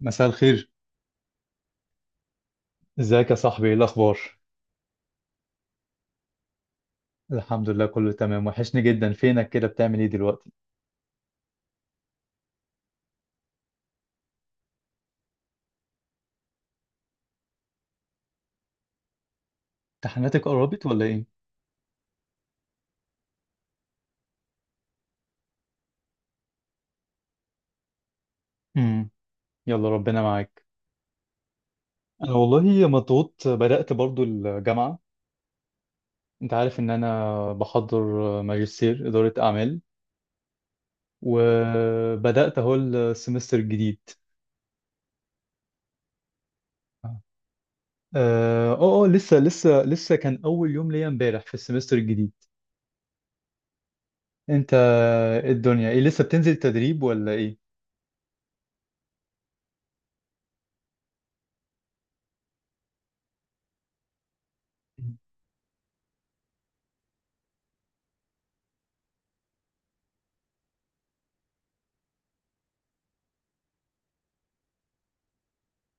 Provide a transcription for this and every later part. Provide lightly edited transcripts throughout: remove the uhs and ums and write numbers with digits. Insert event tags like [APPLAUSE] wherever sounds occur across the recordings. مساء الخير. ازيك يا صاحبي؟ ايه الاخبار؟ الحمد لله، كله تمام. وحشني جدا، فينك كده؟ بتعمل ايه دلوقتي؟ امتحاناتك قربت ولا ايه؟ امم. يلا، ربنا معاك. انا والله مضغوط، بدأت برضو الجامعة. انت عارف ان انا بحضر ماجستير إدارة اعمال، وبدأت اهو السمستر الجديد. اه. اه. لسه كان اول يوم ليا امبارح في السمستر الجديد. انت؟ إيه الدنيا، ايه؟ لسه بتنزل تدريب ولا ايه؟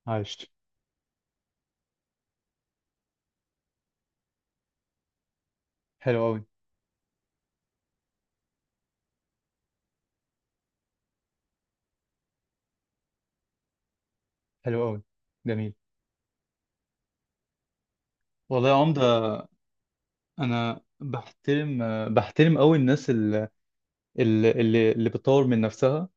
عايش. حلو قوي. حلو قوي. جميل. والله يا عمدة، أنا بحترم قوي الناس اللي بتطور من نفسها.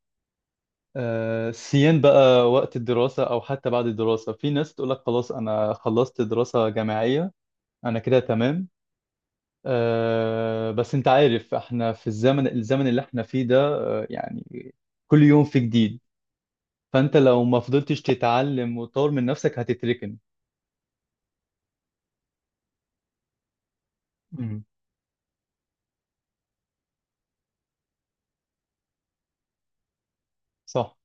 سيان بقى وقت الدراسة أو حتى بعد الدراسة. في ناس تقول لك خلاص، أنا خلصت دراسة جامعية، أنا كده تمام. بس أنت عارف إحنا في الزمن اللي إحنا فيه ده. يعني كل يوم في جديد. فأنت لو ما فضلتش تتعلم وتطور من نفسك، هتتركن. مم. صح.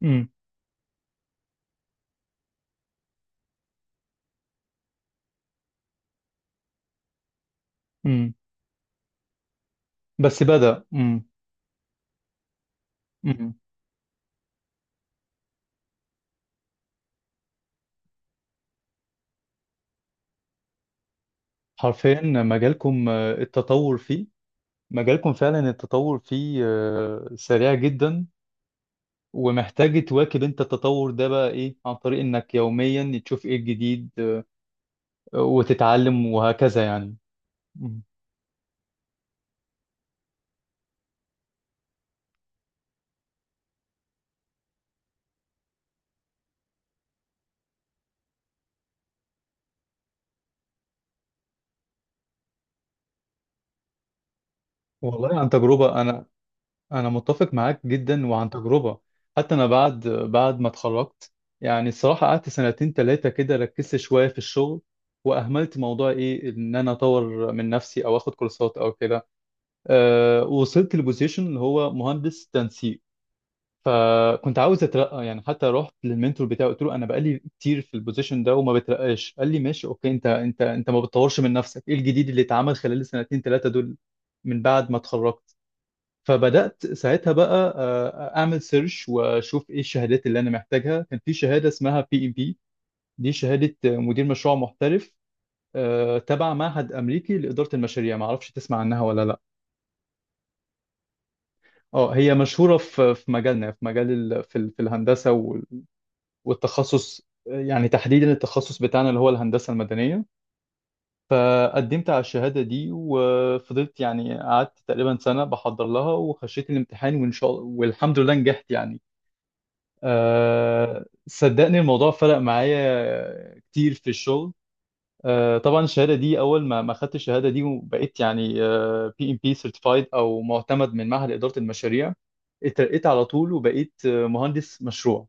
مم. مم. بس بدأ. مم. حرفيا مجالكم التطور فيه. مجالكم فعلا، التطور فيه سريع جدا. ومحتاج تواكب انت التطور ده، بقى ايه؟ عن طريق انك يوميا تشوف ايه الجديد، وتتعلم، وهكذا يعني. مم. والله عن تجربة انا. انا متفق معاك جدا، وعن تجربة. حتى انا، بعد ما اتخرجت يعني الصراحة قعدت سنتين ثلاثة كده، ركزت شوية في الشغل واهملت موضوع ايه، ان انا اطور من نفسي او اخد كورسات او كده. وصلت لبوزيشن اللي هو مهندس تنسيق. فكنت عاوز اترقى يعني، حتى رحت للمنتور بتاعي، قلت له انا بقالي كتير في البوزيشن ده وما بترقاش. قال لي ماشي، اوكي، انت ما بتطورش من نفسك، ايه الجديد اللي اتعمل خلال السنتين ثلاثه دول من بعد ما اتخرجت؟ فبدات ساعتها بقى اعمل سيرش واشوف ايه الشهادات اللي انا محتاجها. كان في شهاده اسمها بي ام بي، دي شهاده مدير مشروع محترف، تبع معهد امريكي لاداره المشاريع. ما اعرفش تسمع عنها ولا لا؟ اه، هي مشهورة في مجالنا، في مجال في في الهندسة والتخصص يعني تحديدا التخصص بتاعنا اللي هو الهندسة المدنية. فقدمت على الشهادة دي وفضلت يعني قعدت تقريبا سنة بحضر لها، وخشيت الامتحان، وإن شاء الله والحمد لله نجحت يعني. أه صدقني، الموضوع فرق معايا كتير في الشغل. طبعا الشهاده دي اول ما خدت الشهاده دي وبقيت يعني بي ام بي سيرتيفايد او معتمد من معهد اداره المشاريع، اترقيت على طول وبقيت مهندس مشروع.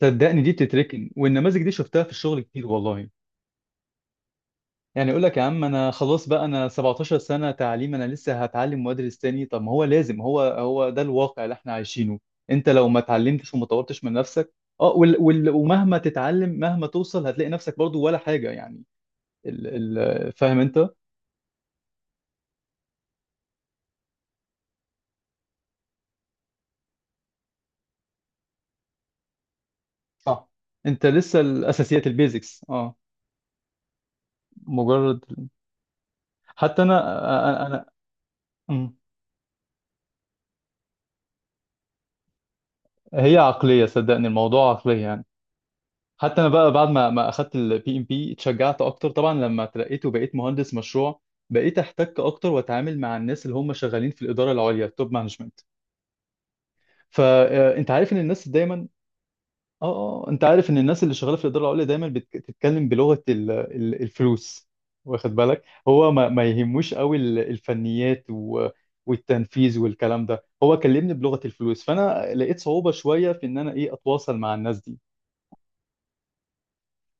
صدقني دي بتتركن، والنماذج دي شفتها في الشغل كتير والله. يعني يقول لك يا عم، انا خلاص بقى، انا 17 سنه تعليم، انا لسه هتعلم وادرس تاني؟ طب ما هو لازم، هو هو ده الواقع اللي احنا عايشينه. انت لو ما اتعلمتش وما طورتش من نفسك، اه وال وال ومهما تتعلم مهما توصل، هتلاقي نفسك برضو ولا حاجه يعني. فاهم انت؟ صح. انت لسه الاساسيات، البيزكس. اه. مجرد. حتى انا. انا, أنا... أمم. هي عقليه، صدقني الموضوع عقليه يعني. حتى انا بقى بعد ما اخدت البي ام بي اتشجعت اكتر. طبعا لما اترقيت وبقيت مهندس مشروع، بقيت احتك اكتر واتعامل مع الناس اللي هم شغالين في الاداره العليا، التوب مانجمنت. فانت عارف ان الناس دايما. اه. اه. انت عارف ان الناس اللي شغاله في الاداره العليا دايما بتتكلم بلغه الفلوس. واخد بالك؟ هو ما يهموش قوي الفنيات والتنفيذ والكلام ده. هو كلمني بلغه الفلوس، فانا لقيت صعوبه شويه في ان انا، ايه، اتواصل مع الناس دي.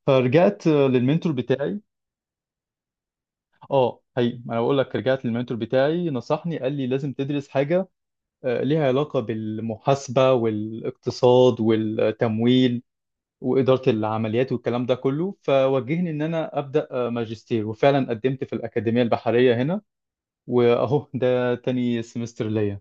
فرجعت للمنتور بتاعي. اه، هي ما انا بقول لك، رجعت للمنتور بتاعي نصحني، قال لي لازم تدرس حاجه ليها علاقه بالمحاسبه والاقتصاد والتمويل وإدارة العمليات والكلام ده كله. فوجهني إن أنا أبدأ ماجستير، وفعلا قدمت في الأكاديمية البحرية هنا، وأهو ده تاني سمستر ليا.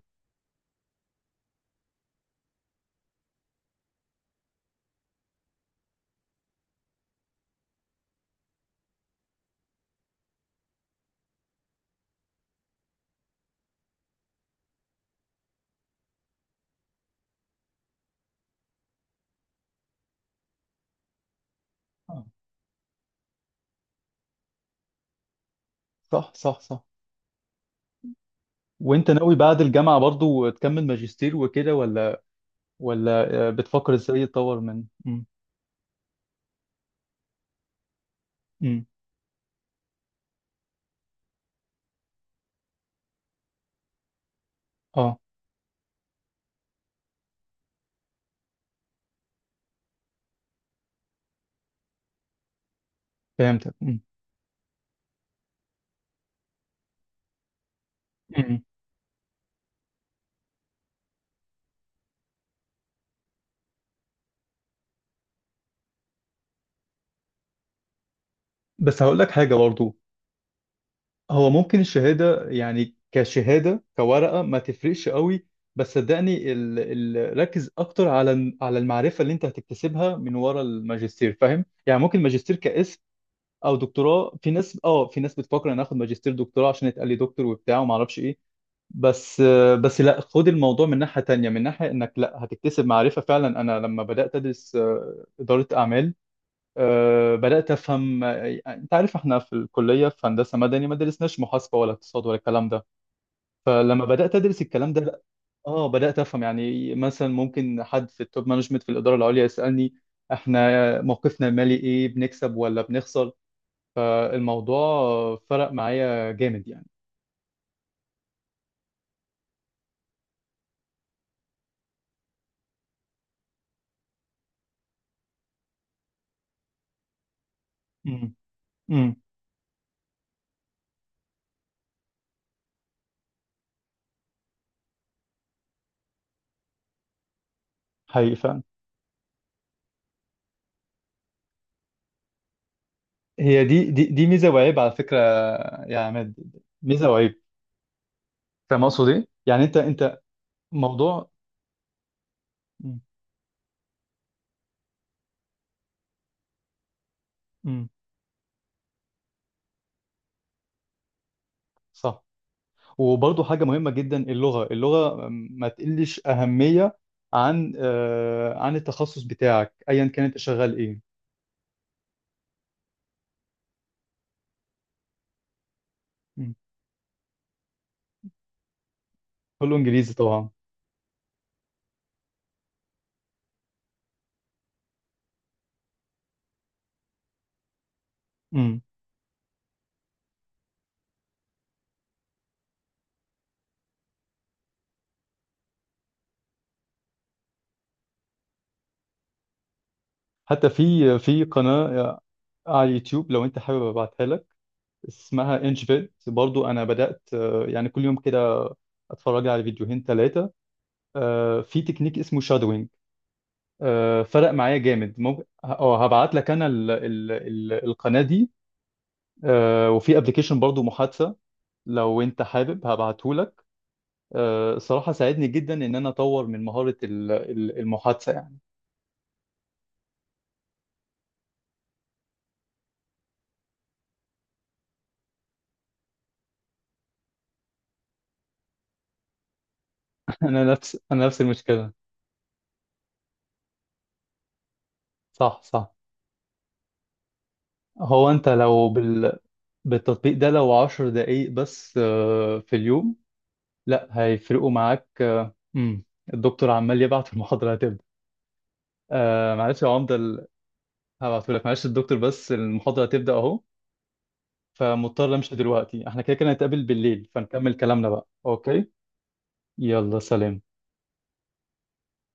آه، صح، صح، صح. وأنت ناوي بعد الجامعة برضو تكمل ماجستير وكده، ولا بتفكر إزاي تطور من مم،؟ مم،. آه فهمتك. مم،. مم. بس هقول لك حاجة برضو. هو ممكن الشهادة يعني كشهادة كورقة ما تفرقش قوي. بس صدقني ركز أكتر على المعرفة اللي أنت هتكتسبها من ورا الماجستير. فاهم؟ يعني ممكن ماجستير كاسم أو دكتوراه، في ناس في ناس بتفكر أنا آخد ماجستير دكتوراه عشان يتقال لي دكتور وبتاع وما أعرفش إيه. بس بس لا، خد الموضوع من ناحية تانية، من ناحية إنك لا هتكتسب معرفة فعلا. أنا لما بدأت أدرس إدارة أعمال، أه بدأت أفهم. أنت عارف إحنا في الكلية في هندسة مدني ما درسناش محاسبة ولا اقتصاد ولا الكلام ده. فلما بدأت أدرس الكلام ده، لأ، آه بدأت أفهم. يعني مثلا ممكن حد في التوب مانجمنت، في الإدارة العليا، يسألني إحنا موقفنا المالي إيه؟ بنكسب ولا بنخسر؟ فالموضوع فرق معايا جامد يعني. امم. امم. حقيقي فعلا. هي دي ميزة وعيب على فكرة، يا عماد. ميزة وعيب. فاهم أقصد إيه؟ يعني أنت موضوع. امم. امم. صح. وبرضه حاجة مهمة جدا، اللغة ما تقلش أهمية عن عن التخصص بتاعك أيا كان أنت شغال إيه. مم. كله إنجليزي طبعا. مم. حتى في قناة على اليوتيوب، لو أنت حابب أبعتها لك، اسمها إنش بيت. برضه أنا بدأت يعني كل يوم كده أتفرج على فيديوهين 3، في تكنيك اسمه شادوينج. فرق معايا جامد. ممكن أه هبعت لك أنا القناة دي. وفي ابلكيشن برضه محادثة، لو انت حابب هبعتهولك. الصراحة ساعدني جدا ان انا اطور من مهارة المحادثة يعني. [LAUGHS] انا نفس المشكلة. صح، صح. هو انت لو بالتطبيق ده، لو 10 دقايق بس في اليوم، لا هيفرقوا معاك. مم. الدكتور عمال يبعت، المحاضرة هتبدأ. معلش يا عمدة هبعتهولك. معلش الدكتور بس المحاضرة هتبدأ اهو، فمضطر امشي دلوقتي. احنا كده كده هنتقابل بالليل، فنكمل كلامنا بقى. اوكي. يلا، سلام.